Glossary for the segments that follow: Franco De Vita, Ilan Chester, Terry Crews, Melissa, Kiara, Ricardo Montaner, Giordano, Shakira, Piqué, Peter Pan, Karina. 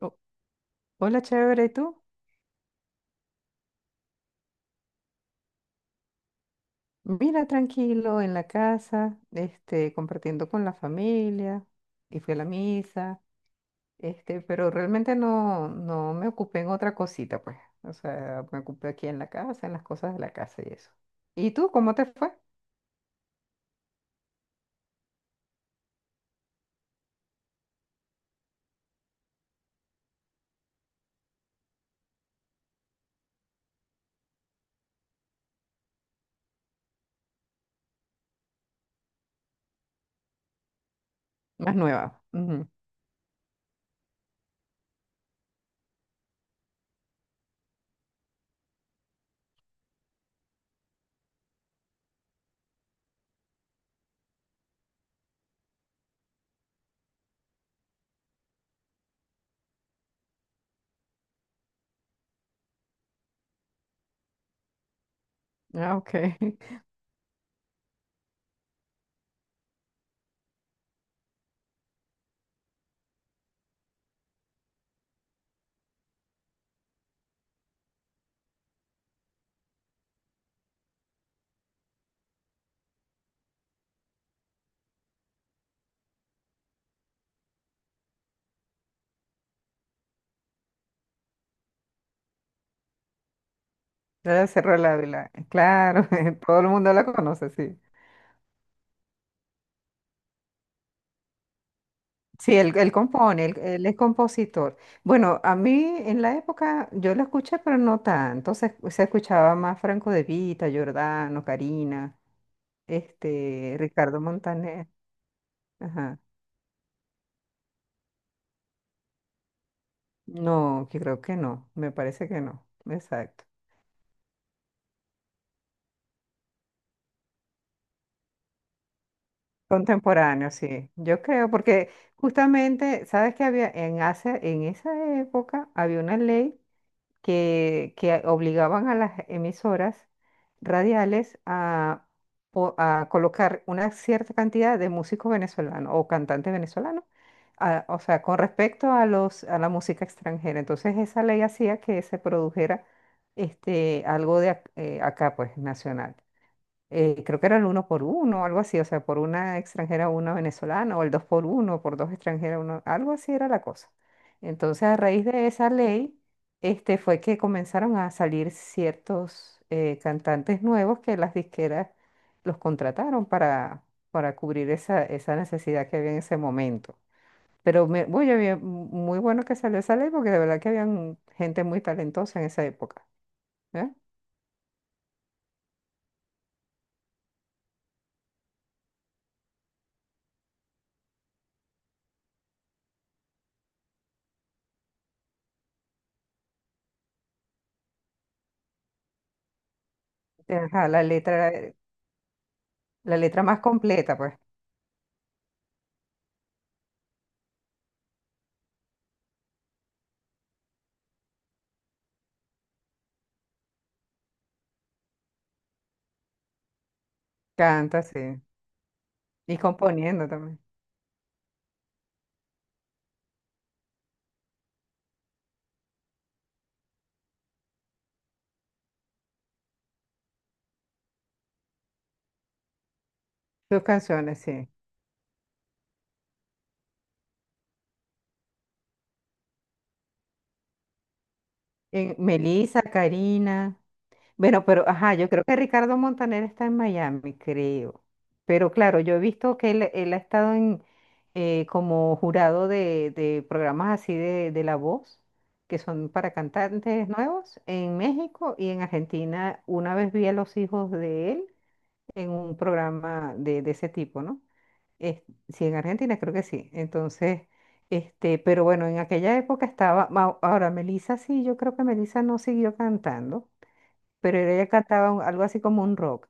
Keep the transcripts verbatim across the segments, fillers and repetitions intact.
O- Hola, chévere, ¿y tú? Mira, tranquilo, en la casa, este, compartiendo con la familia, y fui a la misa, este, pero realmente no, no me ocupé en otra cosita, pues. O sea, me ocupé aquí en la casa, en las cosas de la casa y eso. ¿Y tú, cómo te fue? Más nueva. Ujú. Ah, ok. La de Cerro del Ávila. Claro, todo el mundo la conoce, sí. Sí, él, él compone, él, él es compositor. Bueno, a mí en la época yo lo escuché, pero no tanto. Se, se escuchaba más Franco De Vita, Giordano, Karina, este, Ricardo Montaner. Ajá. No, que creo que no, me parece que no. Exacto. Contemporáneo, sí. Yo creo, porque justamente, ¿sabes qué había? En, hace, en esa época había una ley, que, que obligaban a las emisoras radiales a, po- a colocar una cierta cantidad de músicos venezolanos o cantantes venezolanos, a- o sea, con respecto a los, a la música extranjera. Entonces esa ley hacía que se produjera este, algo de ac- eh, acá, pues, nacional, eh, creo que era el uno por uno, algo así, o sea, por una extranjera una venezolana, o el dos por uno, por dos extranjeras uno, algo así era la cosa. Entonces, a raíz de esa ley, este, fue que comenzaron a salir ciertos eh, cantantes nuevos que las disqueras los contrataron para, para cubrir esa, esa necesidad que había en ese momento. Pero me, uy, había- muy bueno que salió esa ley porque de verdad que habían gente muy talentosa en esa época. ¿Eh? Ajá, la letra, la letra más completa, pues. Canta, sí. Y componiendo también sus canciones, sí. En Melissa, Karina. Bueno, pero ajá, yo creo que Ricardo Montaner está en Miami, creo. Pero claro, yo he visto que él, él ha estado en eh, como jurado de, de programas así de, de La Voz, que son para cantantes nuevos, en México y en Argentina. Una vez vi a los hijos de él en un programa de, de ese tipo, ¿no? Es- sí, en Argentina creo que sí. Entonces, este, pero bueno, en aquella época estaba, ma- ahora Melissa sí, yo creo que Melissa no siguió cantando, pero ella cantaba un- algo así como un rock.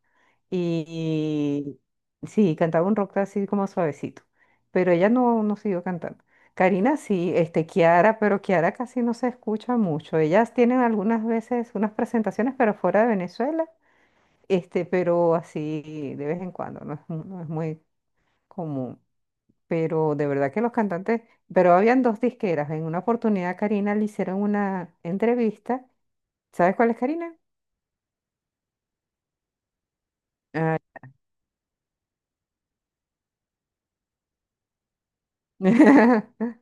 Y, y sí, cantaba un rock así como suavecito, pero ella no, no siguió cantando. Karina sí, este, Kiara, pero Kiara casi no se escucha mucho. Ellas tienen algunas veces unas presentaciones, pero fuera de Venezuela, este, pero así de vez en cuando, no es, mu- no es muy común, pero de verdad que los cantantes, pero habían dos disqueras. En una oportunidad a Karina le hicieron una entrevista. ¿Sabes cuál es Karina? Ah.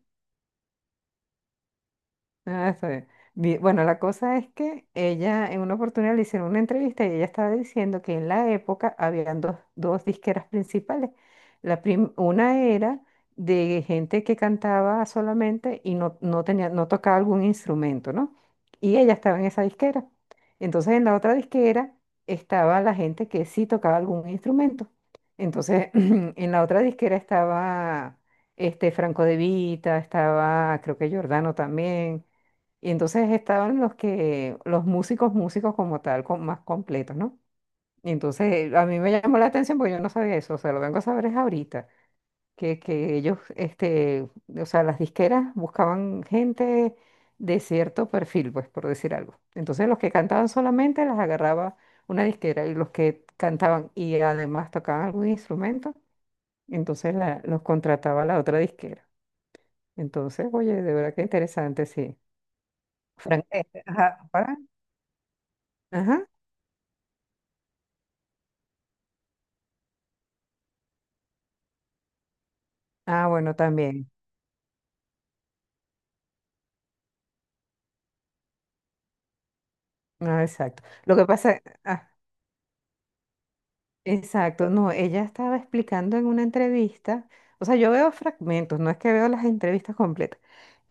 Ah, está bien. Vi- Bueno, la cosa es que ella en una oportunidad le hicieron una entrevista y ella estaba diciendo que en la época habían dos, dos disqueras principales. La prim- una era de gente que cantaba solamente y no, no tenía, no tocaba algún instrumento, ¿no? Y ella estaba en esa disquera. Entonces en la otra disquera estaba la gente que sí tocaba algún instrumento. Entonces en la otra disquera estaba este Franco De Vita, estaba creo que Giordano también y entonces estaban los que, los músicos, músicos como tal, con, más completos, ¿no? Y entonces a mí me llamó la atención porque yo no sabía eso, o sea, lo vengo a saber es ahorita, que, que ellos, este, o sea, las disqueras buscaban gente de cierto perfil, pues, por decir algo. Entonces los que cantaban solamente las agarraba una disquera y los que cantaban y además tocaban algún instrumento, entonces la- los contrataba la otra disquera. Entonces, oye, de verdad que interesante, sí. Frank, Este, ajá, para. Ajá. Ah, bueno, también. Ah, exacto. Lo que pasa, ah, exacto, no, ella estaba explicando en una entrevista, o sea, yo veo fragmentos, no es que veo las entrevistas completas.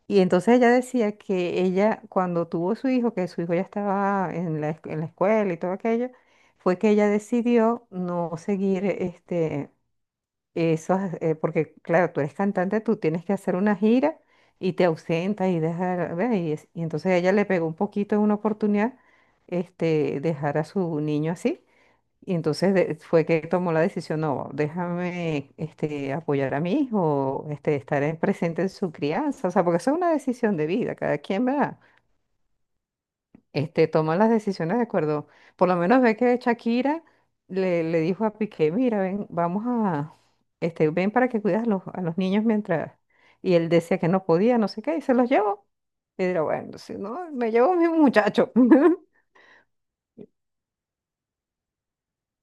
Y entonces ella decía que ella, cuando tuvo su hijo, que su hijo ya estaba en la, esc- en la escuela y todo aquello, fue que ella decidió no seguir este, eso, es, eh, porque claro, tú eres cantante, tú tienes que hacer una gira y te ausentas y dejar, ve, y, es- y entonces a ella le pegó un poquito en una oportunidad, este, dejar a su niño así. Y entonces de- fue que tomó la decisión, no, déjame, este, apoyar a mi hijo, este, estar en- presente en su crianza, o sea, porque eso es una decisión de vida, cada quien, ¿verdad? este, toma las decisiones de acuerdo. Por lo menos ve que Shakira le, le dijo a Piqué, mira, ven, vamos a, este, ven para que cuidas a los, a los niños mientras, y él decía que no podía, no sé qué, y se los llevó. Y dirá, bueno, si no, me llevo a mi muchacho.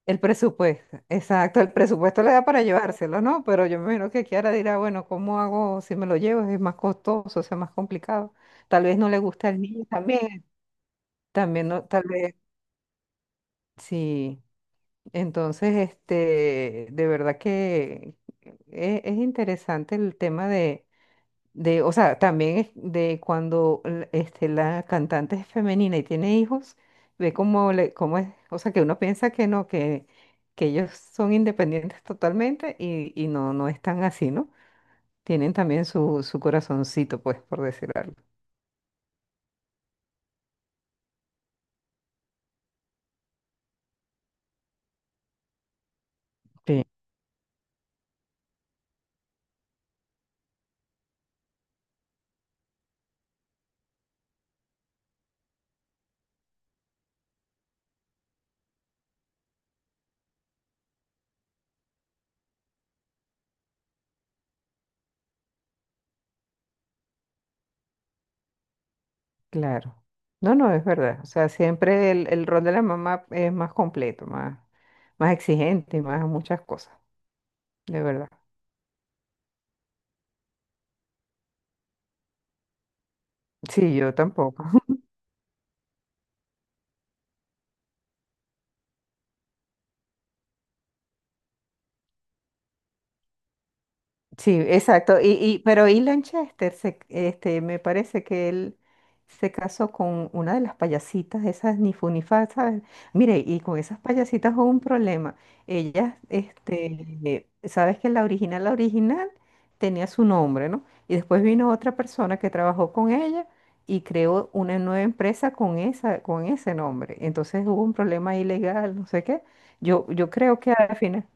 El presupuesto, exacto, el presupuesto le da para llevárselo, ¿no? Pero yo me imagino que Kiara dirá, bueno, ¿cómo hago si me lo llevo? Es más costoso, o sea, más complicado. Tal vez no le gusta al niño también, también no, tal vez, sí. Entonces, este, de verdad que e- es, interesante el tema de, de, o sea, también es de cuando l- este, la cantante es femenina y tiene hijos, ve cómo, le, cómo es, o sea, que uno piensa que no, que, que ellos son independientes totalmente y, y no, no están así, ¿no? Tienen también su, su corazoncito, pues, por decir algo. Claro. No, no, es verdad. O sea, siempre el, el rol de la mamá es más completo, más, más exigente, más muchas cosas, de verdad. Sí, yo tampoco. Sí, exacto. Y, y, pero Ilan Chester, se- este, me parece que él se casó con una de las payasitas, esas ni fu ni fa, ¿sabes? Mire, y con esas payasitas hubo un problema. Ellas, este, sabes que la original, la original tenía su nombre, ¿no? Y después vino otra persona que trabajó con ella y creó una nueva empresa con esa, con ese nombre. Entonces hubo un problema ilegal, no sé qué. Yo, yo creo que al final.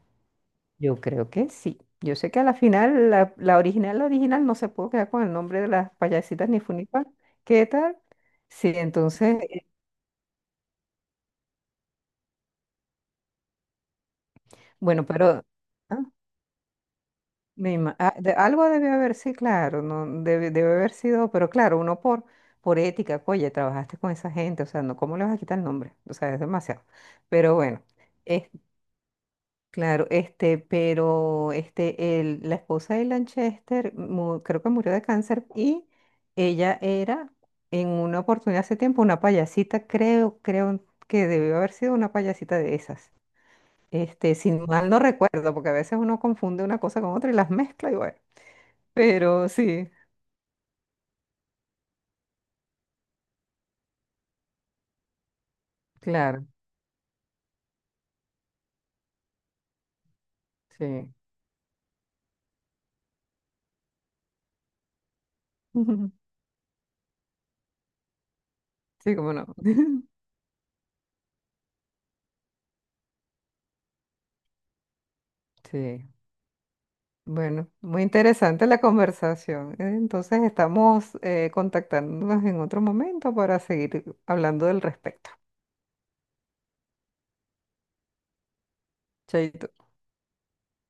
Yo creo que sí. Yo sé que a la final, la, la original, la original no se pudo quedar con el nombre de las payasitas ni Funipa. ¿Qué tal? Sí, entonces, eh, bueno, pero ah, me ima- ah, de- algo debe haber, sí, claro, no debe, debe haber sido, pero claro, uno por, por ética, oye, trabajaste con esa gente, o sea, no, ¿cómo le vas a quitar el nombre? O sea, es demasiado. Pero bueno, claro, este, pero este, el- la esposa de Lanchester mu- creo que murió de cáncer y ella era en una oportunidad hace tiempo una payasita, creo, creo que debió haber sido una payasita de esas. Este, si mal no recuerdo, porque a veces uno confunde una cosa con otra y las mezcla y bueno. Pero sí, claro, sí. Sí, cómo no. Sí. Bueno, muy interesante la conversación. Eh, Entonces estamos eh, contactándonos en otro momento para seguir hablando del respecto. Chaito.